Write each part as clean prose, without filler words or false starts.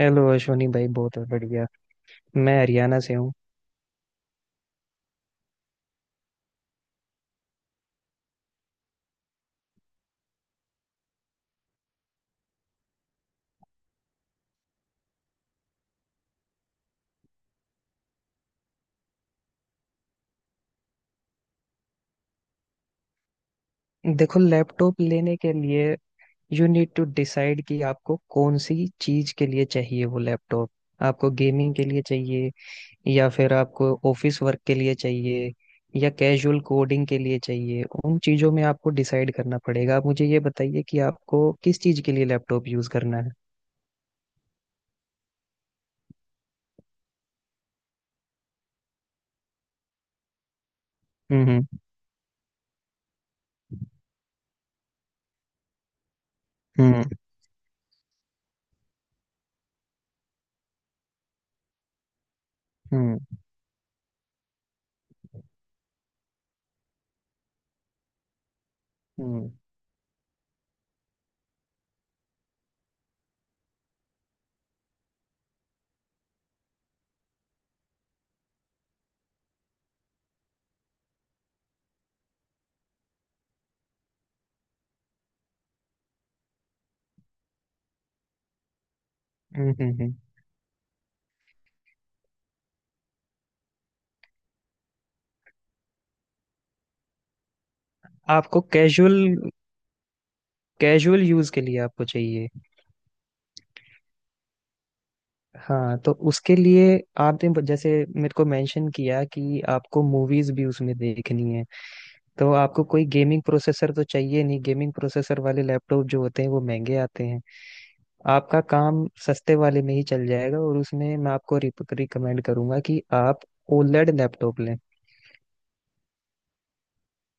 Hello Ashwani भाई, बहुत बढ़िया। मैं हरियाणा से हूँ। देखो, लैपटॉप लेने के लिए यू नीड टू डिसाइड कि आपको कौन सी चीज के लिए चाहिए वो लैपटॉप। आपको गेमिंग के लिए चाहिए, या फिर आपको ऑफिस वर्क के लिए चाहिए, या कैजुअल कोडिंग के लिए चाहिए, उन चीजों में आपको डिसाइड करना पड़ेगा। आप मुझे ये बताइए कि आपको किस चीज के लिए लैपटॉप यूज करना है। हम्म। हम्म। हम्म। हम्म। हम्म। आपको कैजुअल कैजुअल यूज के लिए आपको चाहिए। हाँ, तो उसके लिए आपने जैसे मेरे को मेंशन किया कि आपको मूवीज भी उसमें देखनी है। तो आपको कोई गेमिंग प्रोसेसर तो चाहिए नहीं। गेमिंग प्रोसेसर वाले लैपटॉप जो होते हैं वो महंगे आते हैं। आपका काम सस्ते वाले में ही चल जाएगा, और उसमें मैं आपको रिकमेंड करूंगा कि आप ओलेड लैपटॉप लें।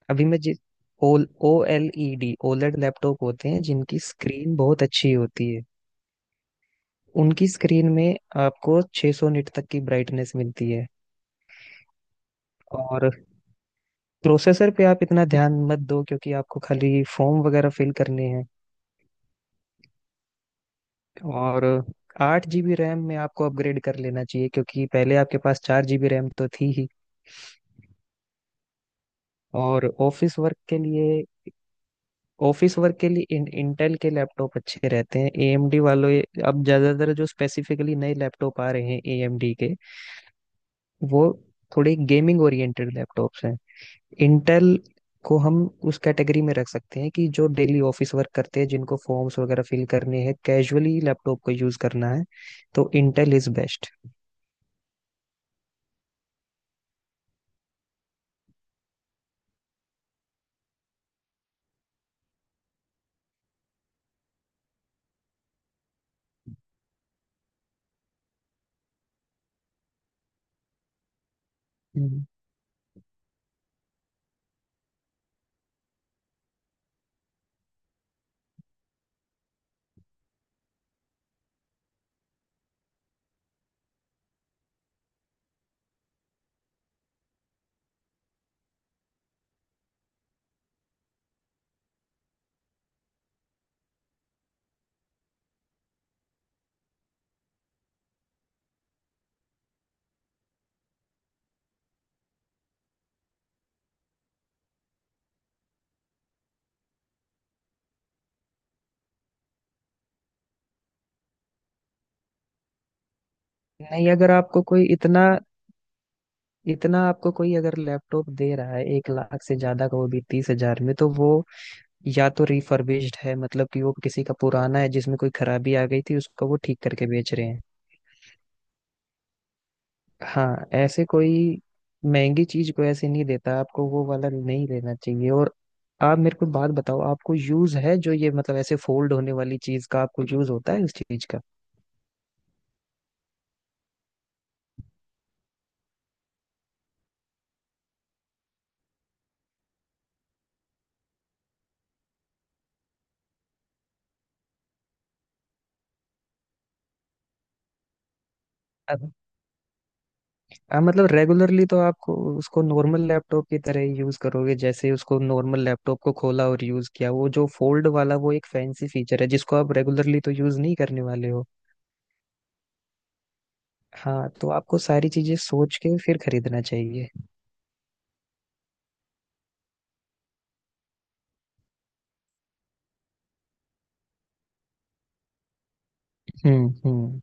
अभी मैं जिस ओल OLED ओलेड लैपटॉप होते हैं जिनकी स्क्रीन बहुत अच्छी होती है। उनकी स्क्रीन में आपको 600 सौ निट तक की ब्राइटनेस मिलती है। और प्रोसेसर पे आप इतना ध्यान मत दो, क्योंकि आपको खाली फॉर्म वगैरह फिल करने हैं। और 8 GB रैम में आपको अपग्रेड कर लेना चाहिए, क्योंकि पहले आपके पास 4 GB रैम तो थी ही। और ऑफिस वर्क के लिए इंटेल के लैपटॉप अच्छे रहते हैं एएमडी वालों। अब ज्यादातर जो स्पेसिफिकली नए लैपटॉप आ रहे हैं एएमडी के, वो थोड़े गेमिंग ओरिएंटेड लैपटॉप्स हैं। इंटेल को हम उस कैटेगरी में रख सकते हैं कि जो डेली ऑफिस वर्क करते हैं, जिनको फॉर्म्स वगैरह फिल करने हैं, कैजुअली लैपटॉप को यूज करना है। तो इंटेल इज बेस्ट। हम्म। नहीं, अगर आपको कोई इतना इतना आपको कोई अगर लैपटॉप दे रहा है 1 लाख से ज्यादा का वो भी 30,000 में, तो वो या तो रिफर्बिश्ड है, मतलब कि वो किसी का पुराना है जिसमें कोई खराबी आ गई थी, उसको वो ठीक करके बेच रहे हैं। हाँ, ऐसे कोई महंगी चीज को ऐसे नहीं देता आपको, वो वाला नहीं लेना चाहिए। और आप मेरे को बात बताओ, आपको यूज है जो ये मतलब ऐसे फोल्ड होने वाली चीज का, आपको यूज होता है उस चीज का? अब- हाँ, मतलब रेगुलरली तो आपको उसको नॉर्मल लैपटॉप की तरह ही यूज करोगे, जैसे उसको नॉर्मल लैपटॉप को खोला और यूज किया। वो जो फोल्ड वाला, वो एक फैंसी फीचर है जिसको आप रेगुलरली तो यूज नहीं करने वाले हो। हाँ, तो आपको सारी चीजें सोच के फिर खरीदना चाहिए। हम्म। हम्म।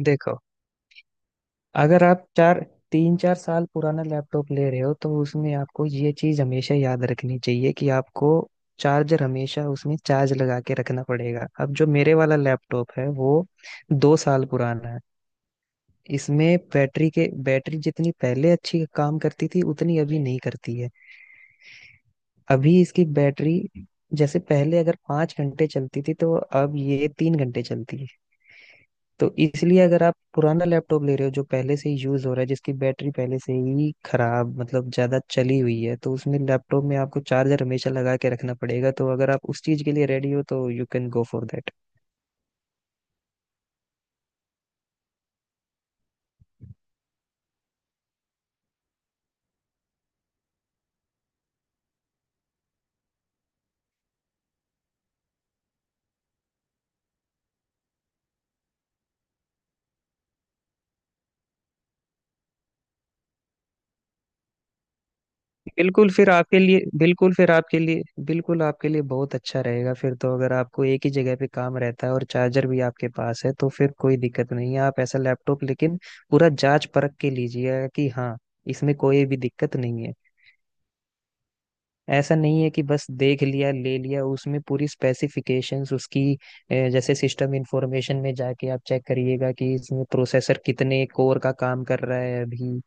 देखो, अगर आप चार तीन चार साल पुराना लैपटॉप ले रहे हो, तो उसमें आपको ये चीज हमेशा याद रखनी चाहिए कि आपको चार्जर हमेशा उसमें चार्ज लगा के रखना पड़ेगा। अब जो मेरे वाला लैपटॉप है, वो 2 साल पुराना है। इसमें बैटरी जितनी पहले अच्छी काम करती थी उतनी अभी नहीं करती है। अभी इसकी बैटरी जैसे पहले अगर 5 घंटे चलती थी, तो अब ये 3 घंटे चलती है। तो इसलिए अगर आप पुराना लैपटॉप ले रहे हो जो पहले से ही यूज हो रहा है, जिसकी बैटरी पहले से ही खराब मतलब ज्यादा चली हुई है, तो उसमें लैपटॉप में आपको चार्जर हमेशा लगा के रखना पड़ेगा। तो अगर आप उस चीज के लिए रेडी हो तो you can go for that. बिल्कुल आपके लिए बहुत अच्छा रहेगा फिर तो। अगर आपको एक ही जगह पे काम रहता है और चार्जर भी आपके पास है, तो फिर कोई दिक्कत नहीं है, आप ऐसा लैपटॉप लेकिन पूरा जांच परख के लीजिएगा कि हाँ, इसमें कोई भी दिक्कत नहीं है। ऐसा नहीं है कि बस देख लिया ले लिया, उसमें पूरी स्पेसिफिकेशंस उसकी, जैसे सिस्टम इंफॉर्मेशन में जाके आप चेक करिएगा कि इसमें प्रोसेसर कितने कोर का काम कर रहा है अभी।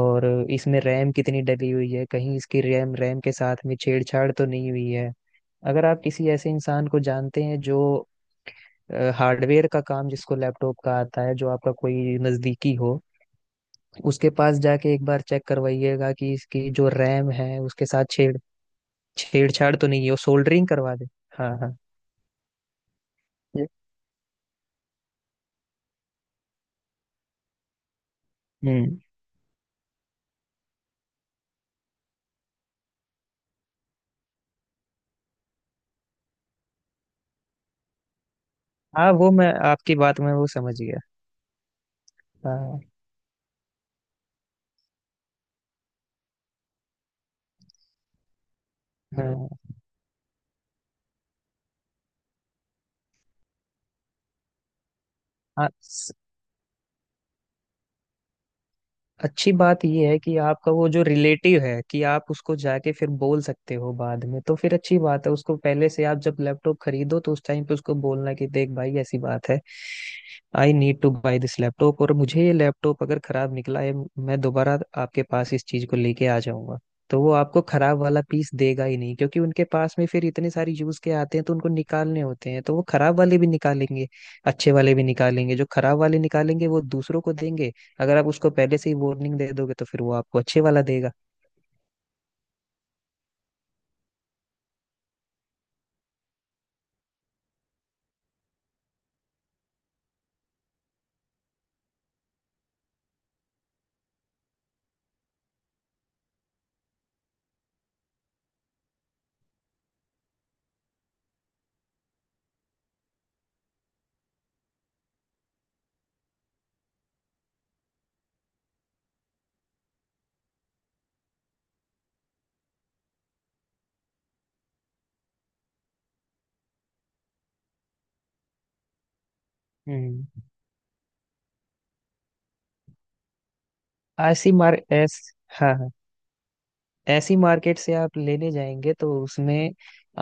और इसमें रैम कितनी डली हुई है, कहीं इसकी रैम रैम के साथ में छेड़छाड़ तो नहीं हुई है। अगर आप किसी ऐसे इंसान को जानते हैं जो हार्डवेयर का काम, जिसको लैपटॉप का आता है, जो आपका कोई नजदीकी हो, उसके पास जाके एक बार चेक करवाइएगा कि इसकी जो रैम है उसके साथ छेड़छाड़ तो नहीं है, वो सोल्डरिंग करवा दे। हाँ, हाँ, ये। हम्म। हाँ, वो मैं आपकी बात में वो समझ गया। हाँ, हाँ, हाँ। अच्छी बात ये है कि आपका वो जो रिलेटिव है, कि आप उसको जाके फिर बोल सकते हो बाद में, तो फिर अच्छी बात है। उसको पहले से आप जब लैपटॉप खरीदो, तो उस टाइम पे उसको बोलना कि देख भाई, ऐसी बात है, I need to buy this laptop. और मुझे ये लैपटॉप अगर खराब निकला है, मैं दोबारा आपके पास इस चीज को लेके आ जाऊंगा। तो वो आपको खराब वाला पीस देगा ही नहीं, क्योंकि उनके पास में फिर इतने सारे यूज के आते हैं, तो उनको निकालने होते हैं, तो वो खराब वाले भी निकालेंगे, अच्छे वाले भी निकालेंगे। जो खराब वाले निकालेंगे वो दूसरों को देंगे। अगर आप उसको पहले से ही वार्निंग दे दोगे, तो फिर वो आपको अच्छे वाला देगा। हम्म। ऐसी मार ऐस हाँ, हाँ, ऐसी मार्केट से आप लेने जाएंगे, तो उसमें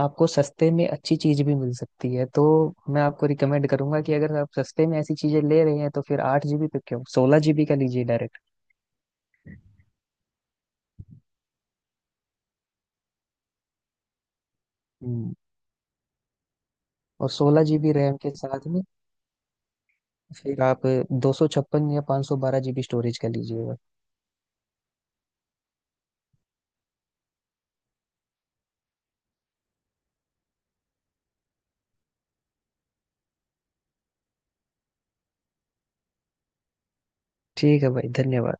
आपको सस्ते में अच्छी चीज भी मिल सकती है। तो मैं आपको रिकमेंड करूंगा कि अगर आप सस्ते में ऐसी चीजें ले रहे हैं, तो फिर 8 GB पे क्यों, 16 GB का लीजिए डायरेक्ट। हम्म, और सोलह जीबी रैम के साथ में फिर आप 256 या 512 GB स्टोरेज का लीजिएगा। ठीक है भाई, धन्यवाद।